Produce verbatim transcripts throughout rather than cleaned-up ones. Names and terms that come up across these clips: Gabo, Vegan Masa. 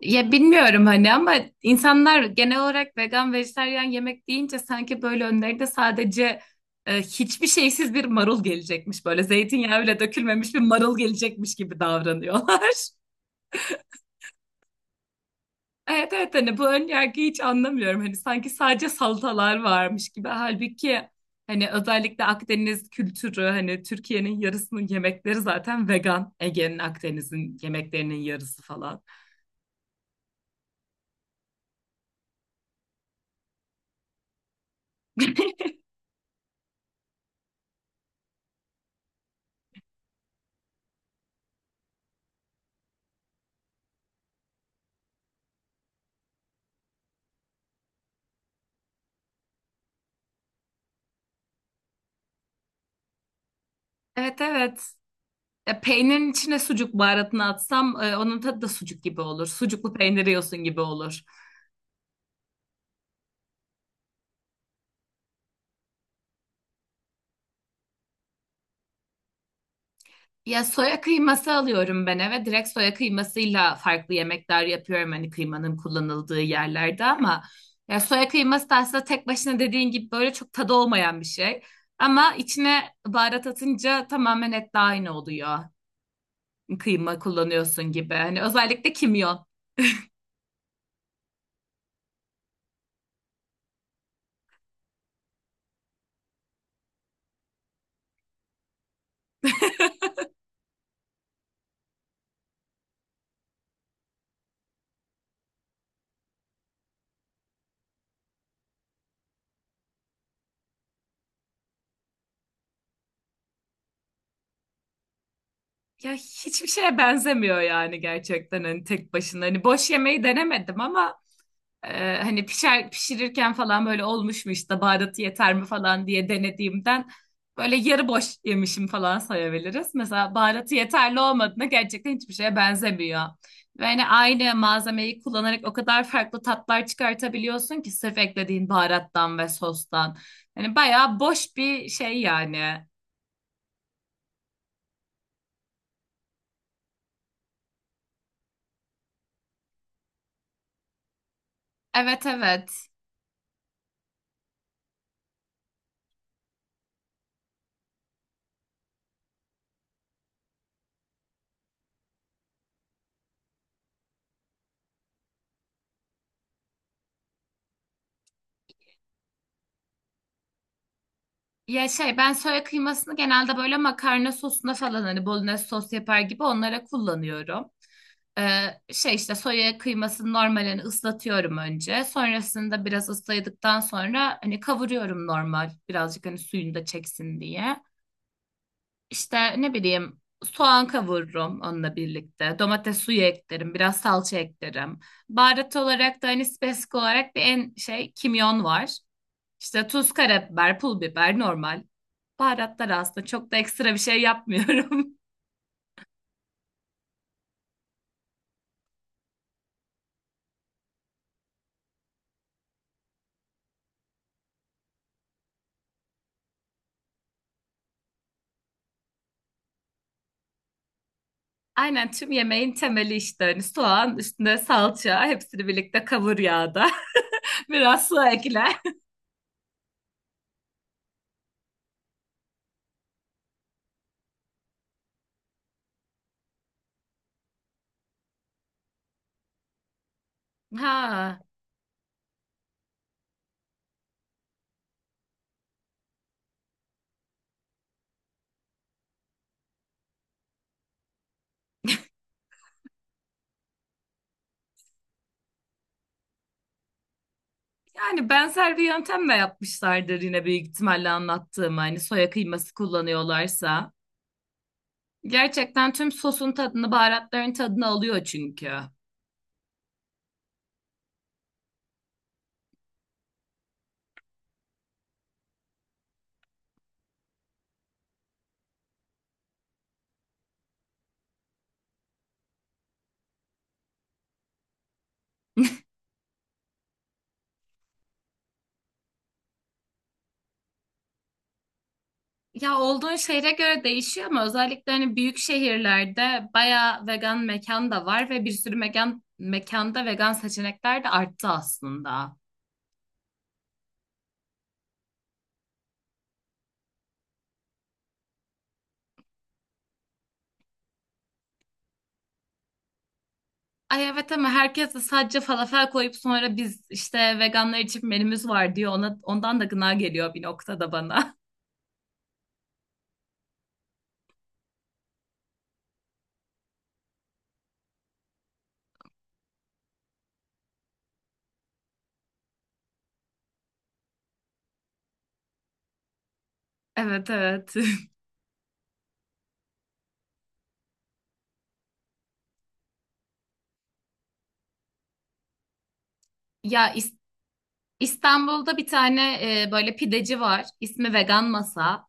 Ya bilmiyorum hani ama insanlar genel olarak vegan, vejetaryen yemek deyince sanki böyle önlerinde sadece e, hiçbir şeysiz bir marul gelecekmiş. Böyle zeytinyağı bile dökülmemiş bir marul gelecekmiş gibi davranıyorlar. Evet evet, hani bu ön yargıyı hiç anlamıyorum. Hani sanki sadece salatalar varmış gibi. Halbuki hani özellikle Akdeniz kültürü, hani Türkiye'nin yarısının yemekleri zaten vegan. Ege'nin, Akdeniz'in yemeklerinin yarısı falan. Evet evet. E, peynirin içine sucuk baharatını atsam, e, onun tadı da sucuk gibi olur. Sucuklu peynir yiyorsun gibi olur. Ya soya kıyması alıyorum ben eve. Direkt soya kıymasıyla farklı yemekler yapıyorum hani kıymanın kullanıldığı yerlerde ama ya soya kıyması da aslında tek başına dediğin gibi böyle çok tadı olmayan bir şey. Ama içine baharat atınca tamamen et etle aynı oluyor. Kıyma kullanıyorsun gibi. Hani özellikle kimyon. Ya hiçbir şeye benzemiyor yani, gerçekten hani tek başına. Hani boş yemeği denemedim ama Ee, hani pişer, pişirirken falan böyle olmuş mu işte baharatı yeter mi falan diye denediğimden böyle yarı boş yemişim falan sayabiliriz. Mesela baharatı yeterli olmadığında gerçekten hiçbir şeye benzemiyor. Ve hani aynı malzemeyi kullanarak o kadar farklı tatlar çıkartabiliyorsun ki sırf eklediğin baharattan ve sostan. Hani bayağı boş bir şey yani. Evet evet. Ya şey, ben soya kıymasını genelde böyle makarna sosuna falan hani bolognese sos yapar gibi onlara kullanıyorum. Ee, Şey, işte soya kıymasını normalini ıslatıyorum önce. Sonrasında biraz ısladıktan sonra hani kavuruyorum normal, birazcık hani suyunu da çeksin diye. İşte ne bileyim soğan kavururum onunla birlikte. Domates suyu eklerim, biraz salça eklerim. Baharat olarak da hani spesifik olarak bir en şey, kimyon var. İşte tuz, karabiber, pul biber normal. Baharatlar aslında çok da ekstra bir şey yapmıyorum. Aynen, tüm yemeğin temeli işte hani soğan, üstüne salça, hepsini birlikte kavur yağda. Biraz su ekle. Ha, yani benzer bir yöntemle yapmışlardır yine büyük ihtimalle anlattığım hani, soya kıyması kullanıyorlarsa. Gerçekten tüm sosun tadını, baharatların tadını alıyor çünkü. Ya olduğun şehre göre değişiyor ama özellikle hani büyük şehirlerde bayağı vegan mekan da var ve bir sürü mekan mekanda vegan seçenekler de arttı aslında. Ay evet, ama herkes de sadece falafel koyup sonra biz işte veganlar için menümüz var diyor. Ona, ondan da gına geliyor bir noktada bana. Evet evet. Ya İs- İstanbul'da bir tane e, böyle pideci var. İsmi Vegan Masa.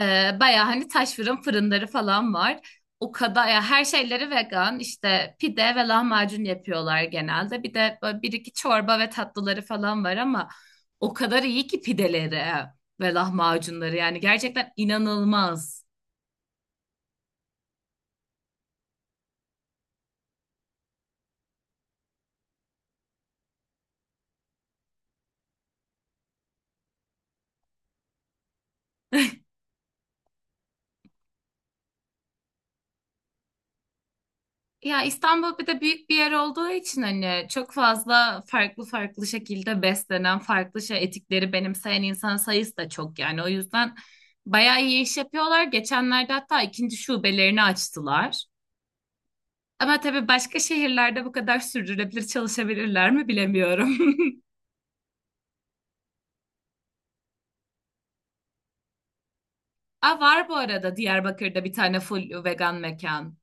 Ee, baya hani taş fırın fırınları falan var. O kadar, ya her şeyleri vegan, işte pide ve lahmacun yapıyorlar genelde. Bir de böyle bir iki çorba ve tatlıları falan var ama o kadar iyi ki pideleri ve lahmacunları yani, gerçekten inanılmaz. Ya İstanbul bir de büyük bir yer olduğu için hani çok fazla farklı farklı şekilde beslenen, farklı şey, etikleri benimseyen insan sayısı da çok yani. O yüzden bayağı iyi iş yapıyorlar. Geçenlerde hatta ikinci şubelerini açtılar. Ama tabii başka şehirlerde bu kadar sürdürülebilir çalışabilirler mi bilemiyorum. Aa, var bu arada Diyarbakır'da bir tane full vegan mekan.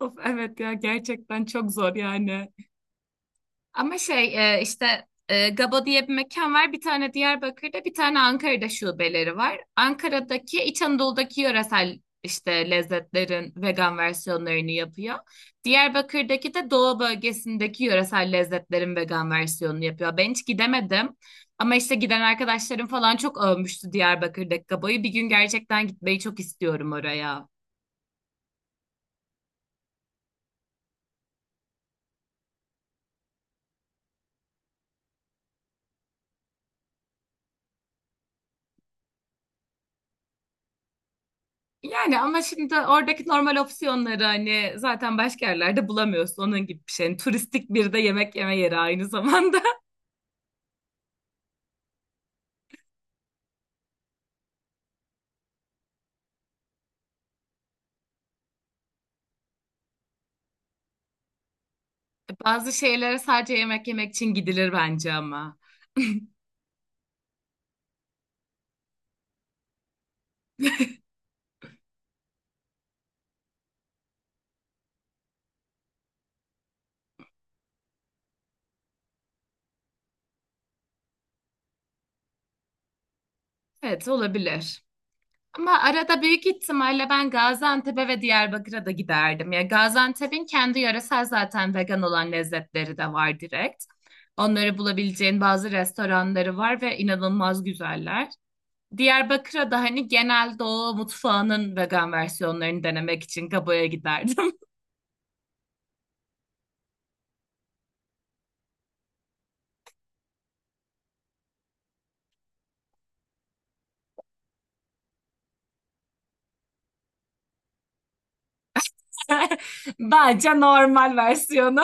Of evet ya, gerçekten çok zor yani. Ama şey, e, işte e, Gabo diye bir mekan var. Bir tane Diyarbakır'da, bir tane Ankara'da şubeleri var. Ankara'daki, İç Anadolu'daki yöresel işte lezzetlerin vegan versiyonlarını yapıyor. Diyarbakır'daki de Doğu bölgesindeki yöresel lezzetlerin vegan versiyonunu yapıyor. Ben hiç gidemedim. Ama işte giden arkadaşlarım falan çok övmüştü Diyarbakır'daki Gabo'yu. Bir gün gerçekten gitmeyi çok istiyorum oraya. Yani ama şimdi oradaki normal opsiyonları hani zaten başka yerlerde bulamıyorsun, onun gibi bir şey. Yani turistik bir de yemek yeme yeri aynı zamanda. Bazı şeylere sadece yemek yemek için gidilir bence ama. Evet, olabilir. Ama arada büyük ihtimalle ben Gaziantep'e ve Diyarbakır'a da giderdim. Ya Gaziantep'in kendi yöresel zaten vegan olan lezzetleri de var direkt. Onları bulabileceğin bazı restoranları var ve inanılmaz güzeller. Diyarbakır'a da hani genel doğu mutfağının vegan versiyonlarını denemek için Gabo'ya giderdim. Bence normal versiyonu.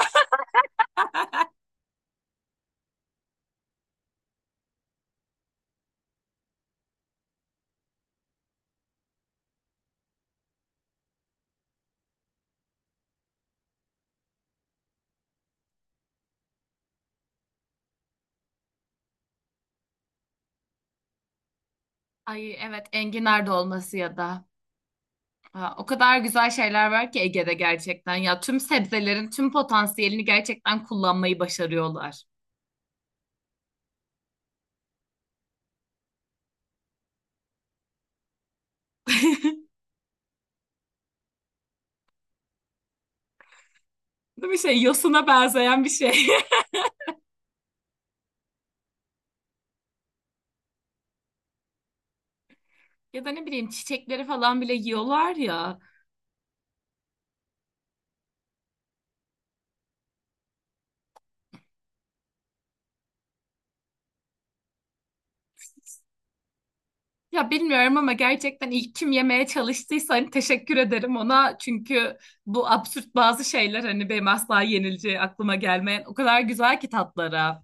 Ay evet, enginar dolması ya da. Ha, o kadar güzel şeyler var ki Ege'de gerçekten. Ya tüm sebzelerin tüm potansiyelini gerçekten kullanmayı başarıyorlar. Değil mi, şey yosuna benzeyen bir şey. Ya da ne bileyim çiçekleri falan bile yiyorlar ya. Ya bilmiyorum ama gerçekten ilk kim yemeye çalıştıysa hani, teşekkür ederim ona. Çünkü bu absürt bazı şeyler hani benim asla yenileceği aklıma gelmeyen o kadar güzel ki tatlara.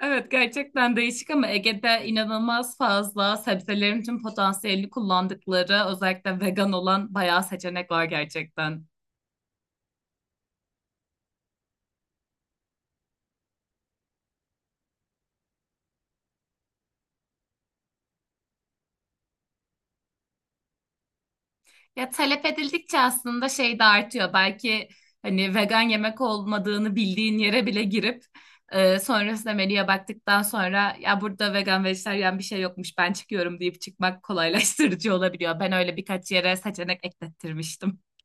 Evet, gerçekten değişik ama Ege'de inanılmaz fazla sebzelerin tüm potansiyelini kullandıkları, özellikle vegan olan bayağı seçenek var gerçekten. Ya talep edildikçe aslında şey de artıyor. Belki hani vegan yemek olmadığını bildiğin yere bile girip e, sonrasında menüye baktıktan sonra ya burada vegan vejetaryen bir şey yokmuş, ben çıkıyorum deyip çıkmak kolaylaştırıcı olabiliyor. Ben öyle birkaç yere seçenek eklettirmiştim.